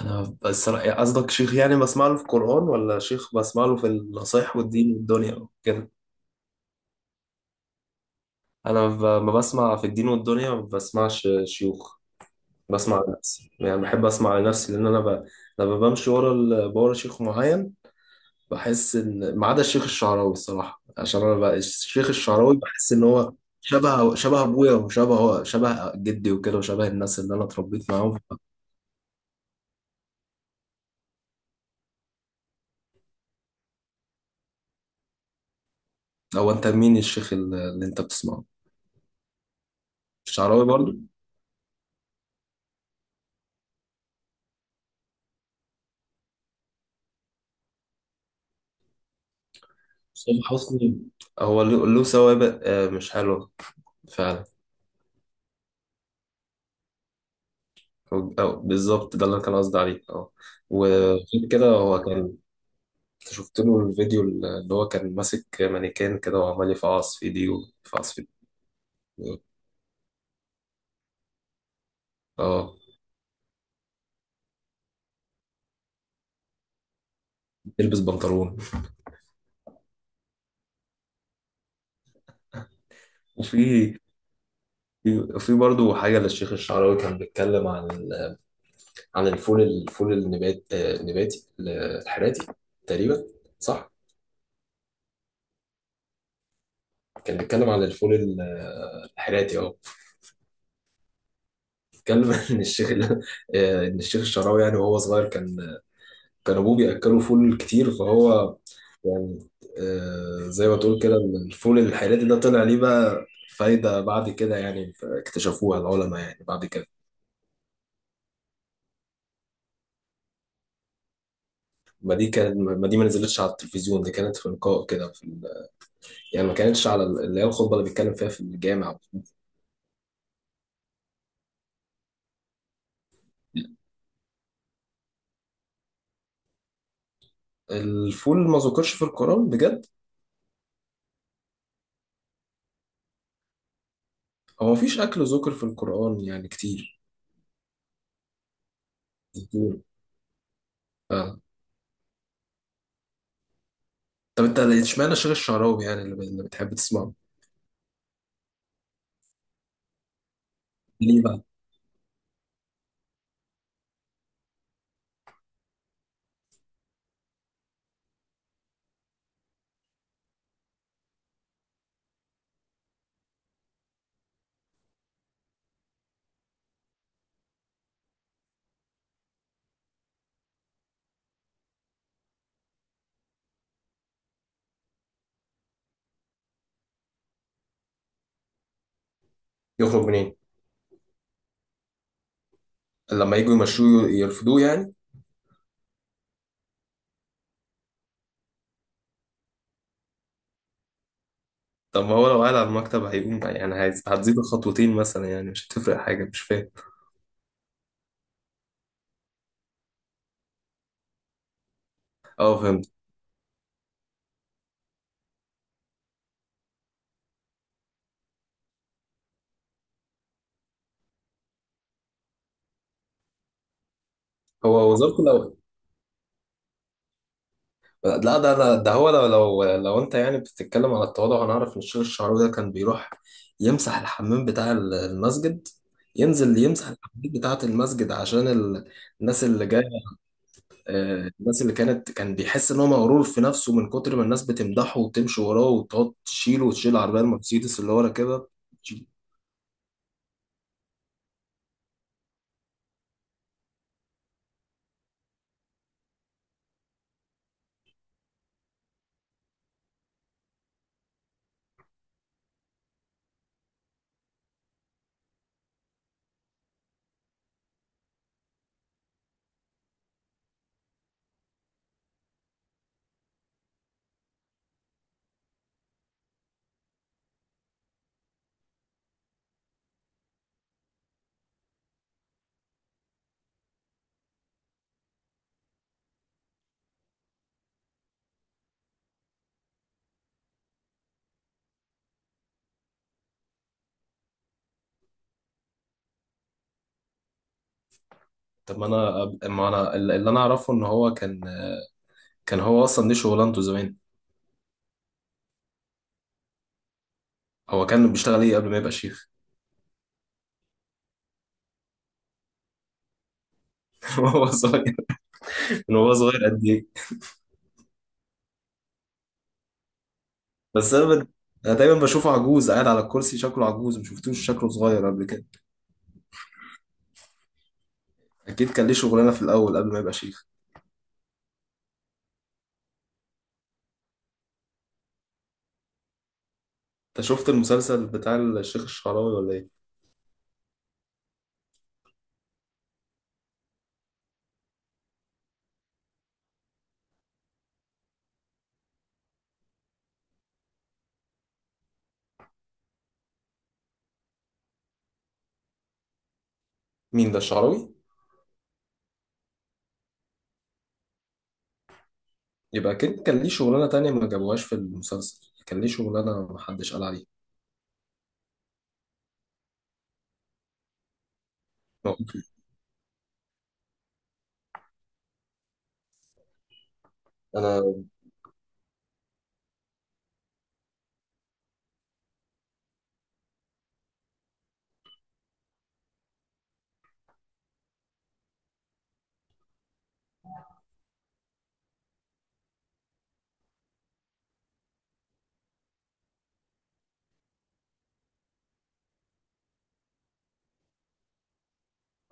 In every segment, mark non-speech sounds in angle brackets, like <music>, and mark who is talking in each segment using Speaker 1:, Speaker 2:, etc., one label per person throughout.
Speaker 1: انا بس قصدك شيخ يعني بسمع له في القرآن ولا شيخ بسمع له في النصايح والدين والدنيا وكده. ما بسمع في الدين والدنيا، ما بسمعش شيوخ. بسمع لنفسي، يعني بحب اسمع لنفسي لان لما بمشي ورا شيخ معين بحس ان ما عدا الشيخ الشعراوي الصراحة. عشان انا بقى الشيخ الشعراوي بحس ان هو شبه شبه ابويا وشبه شبه جدي وكده، وشبه الناس اللي انا اتربيت معاهم. هو انت مين الشيخ اللي انت بتسمعه؟ الشعراوي برضه. حسام حسني هو له سوابق مش حلوة فعلا. أو بالظبط ده اللي أنا كان قصدي عليه، اه. وغير كده، هو كان شفت له الفيديو اللي هو كان ماسك مانيكان كده وعمال يفعص في ايديه ويفعص في ايديه، اه. يلبس بنطلون. وفي في في برضه حاجة للشيخ الشعراوي، كان بيتكلم عن الفول، الفول النبات، النباتي الحراتي تقريبا، صح؟ كان بيتكلم الحراتي، اه. اتكلم <laughs> ان الشيخ الشعراوي يعني وهو صغير كان كان ابوه بياكله فول كتير، فهو يعني زي ما تقول كده، الفول الحراتي ده طلع ليه بقى فايدة بعد كده يعني، اكتشفوها العلماء يعني بعد كده. ما دي ما نزلتش على التلفزيون، دي كانت في لقاء كده يعني ما كانتش على اللي هي الخطبة اللي بيتكلم فيها في الجامع. الفول ما ذكرش في القرآن بجد. هو مفيش أكل ذكر في القرآن يعني كتير، كتير. طب انت اشمعنى شيخ الشعراوي يعني اللي بتحب تسمعه؟ ليه بقى؟ يخرج منين؟ لما يجوا يمشوه يرفضوه يعني؟ طب ما هو لو قاعد على المكتب هيقوم يعني، هتزيد خطوتين مثلا، يعني مش هتفرق حاجه، مش فاهم. اه، فهمت. هو وزارته لو، لا ده هو لو انت يعني بتتكلم على التواضع، هنعرف ان الشيخ الشعراوي ده كان بيروح يمسح الحمام بتاع المسجد. ينزل يمسح الحمام بتاعة المسجد عشان الناس اللي جاية، الناس اللي كانت، كان بيحس ان هو مغرور في نفسه من كتر ما الناس بتمدحه وتمشي وراه وتقعد تشيله وتشيل العربيه المرسيدس اللي هو راكبها، تشيل. طب ما انا أب- ما انا اللي انا اعرفه ان هو كان، كان هو اصلا دي شغلانته زمان. هو كان بيشتغل ايه قبل ما يبقى شيخ؟ <laughs> وهو صغير؟ من وهو صغير قد ايه؟ بس انا بد- انا دايما بشوفه عجوز قاعد على الكرسي، شكله عجوز، ما شفتوش شكله صغير قبل كده. اكيد كان ليه شغلانه في الاول قبل ما يبقى شيخ. انت شفت المسلسل بتاع الشيخ الشعراوي ولا ايه؟ مين ده الشعراوي؟ يبقى أكيد كان ليه شغلانة تانية ما جابوهاش في المسلسل، كان ليه شغلانة محدش قال عليها. هو أنا،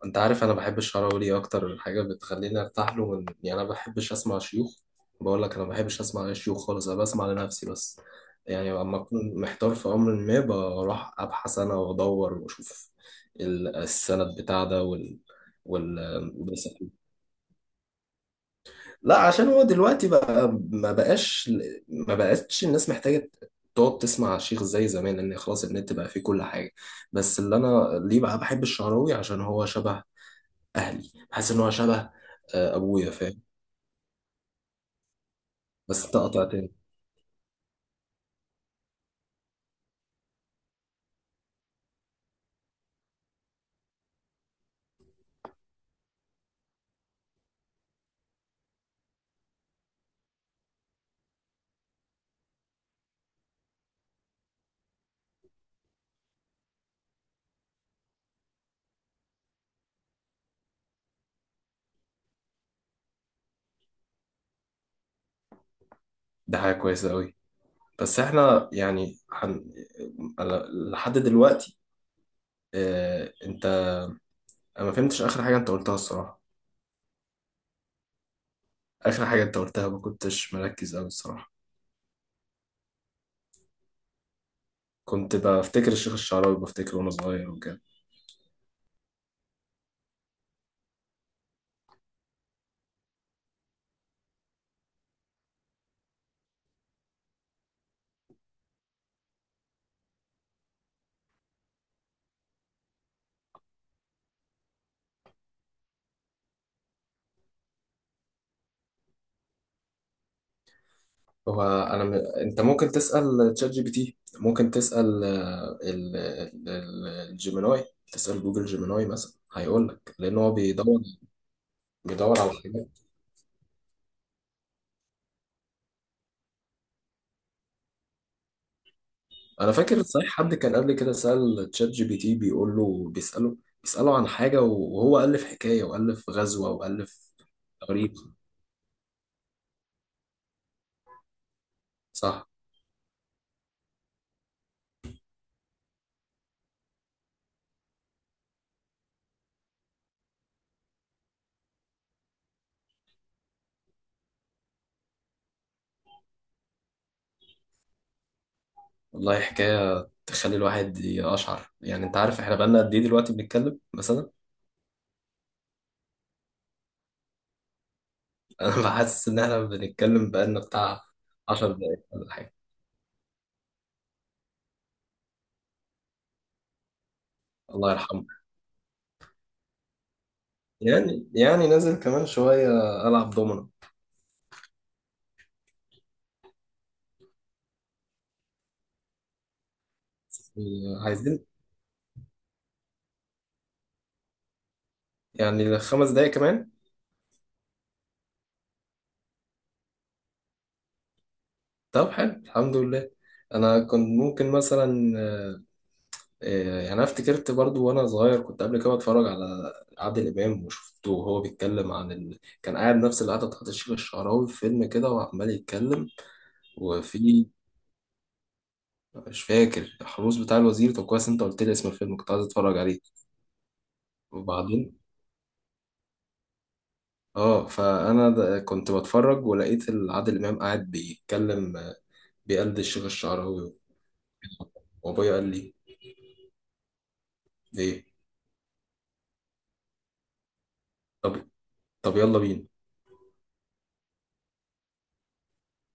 Speaker 1: أنت عارف أنا بحب الشراوي، أكتر حاجة بتخليني أرتاح له من، يعني أنا ما بحبش أسمع شيوخ. بقول لك أنا ما بحبش أسمع أي شيوخ خالص، أنا بسمع لنفسي بس. يعني لما أكون محتار في أمر ما، بروح أبحث أنا وأدور وأشوف السند بتاع ده وال وال لا، عشان هو دلوقتي بقى ما بقاش، ما بقتش الناس محتاجة تقعد تسمع شيخ زي زمان، لان خلاص النت بقى فيه كل حاجة. بس اللي انا ليه بقى بحب الشعراوي عشان هو شبه اهلي، بحس ان هو شبه ابويا، فاهم؟ بس انت قطعتني. ده حاجة كويسة قوي. بس احنا يعني أنا لحد دلوقتي، آه، انت انا ما فهمتش اخر حاجة انت قلتها الصراحة. اخر حاجة انت قلتها ما كنتش مركز قوي الصراحة. كنت بفتكر الشيخ الشعراوي، بفتكره وانا صغير وكده. انت ممكن تسال تشات جي بي تي، ممكن تسال الجيميناي. تسال جوجل جيميناي مثلا هيقول لك، لان هو بيدور، بيدور على حاجات. انا فاكر صحيح حد كان قبل كده سال تشات جي بي تي، بيقول له، بيساله عن حاجه وهو الف حكايه والف غزوه والف تاريخ، صح. والله حكايه تخلي الواحد يقشعر، يعني انت عارف احنا بقالنا قد ايه دلوقتي بنتكلم مثلا. <laughs> انا بحس ان احنا بنتكلم بقالنا بتاع 10 دقايق ولا حاجه. الله يرحمه. يعني يعني نازل كمان شوية ألعب دومنا. عايزين يعني 5 دقايق كمان. طب حلو، الحمد لله. أنا كنت ممكن مثلا يعني أنا افتكرت برضو وأنا صغير كنت قبل كده بتفرج على عادل إمام، وشفته وهو بيتكلم كان قاعد نفس القعدة بتاعت الشيخ الشعراوي في فيلم كده وعمال يتكلم. وفي، مش فاكر الحروس بتاع الوزير. طب كويس، أنت قلت لي اسم الفيلم، كنت عايز أتفرج عليه. وبعدين اه، كنت بتفرج ولقيت عادل امام قاعد بيتكلم، بيقلد الشيخ الشعراوي، وابويا قال لي ايه. طب، طب يلا بينا.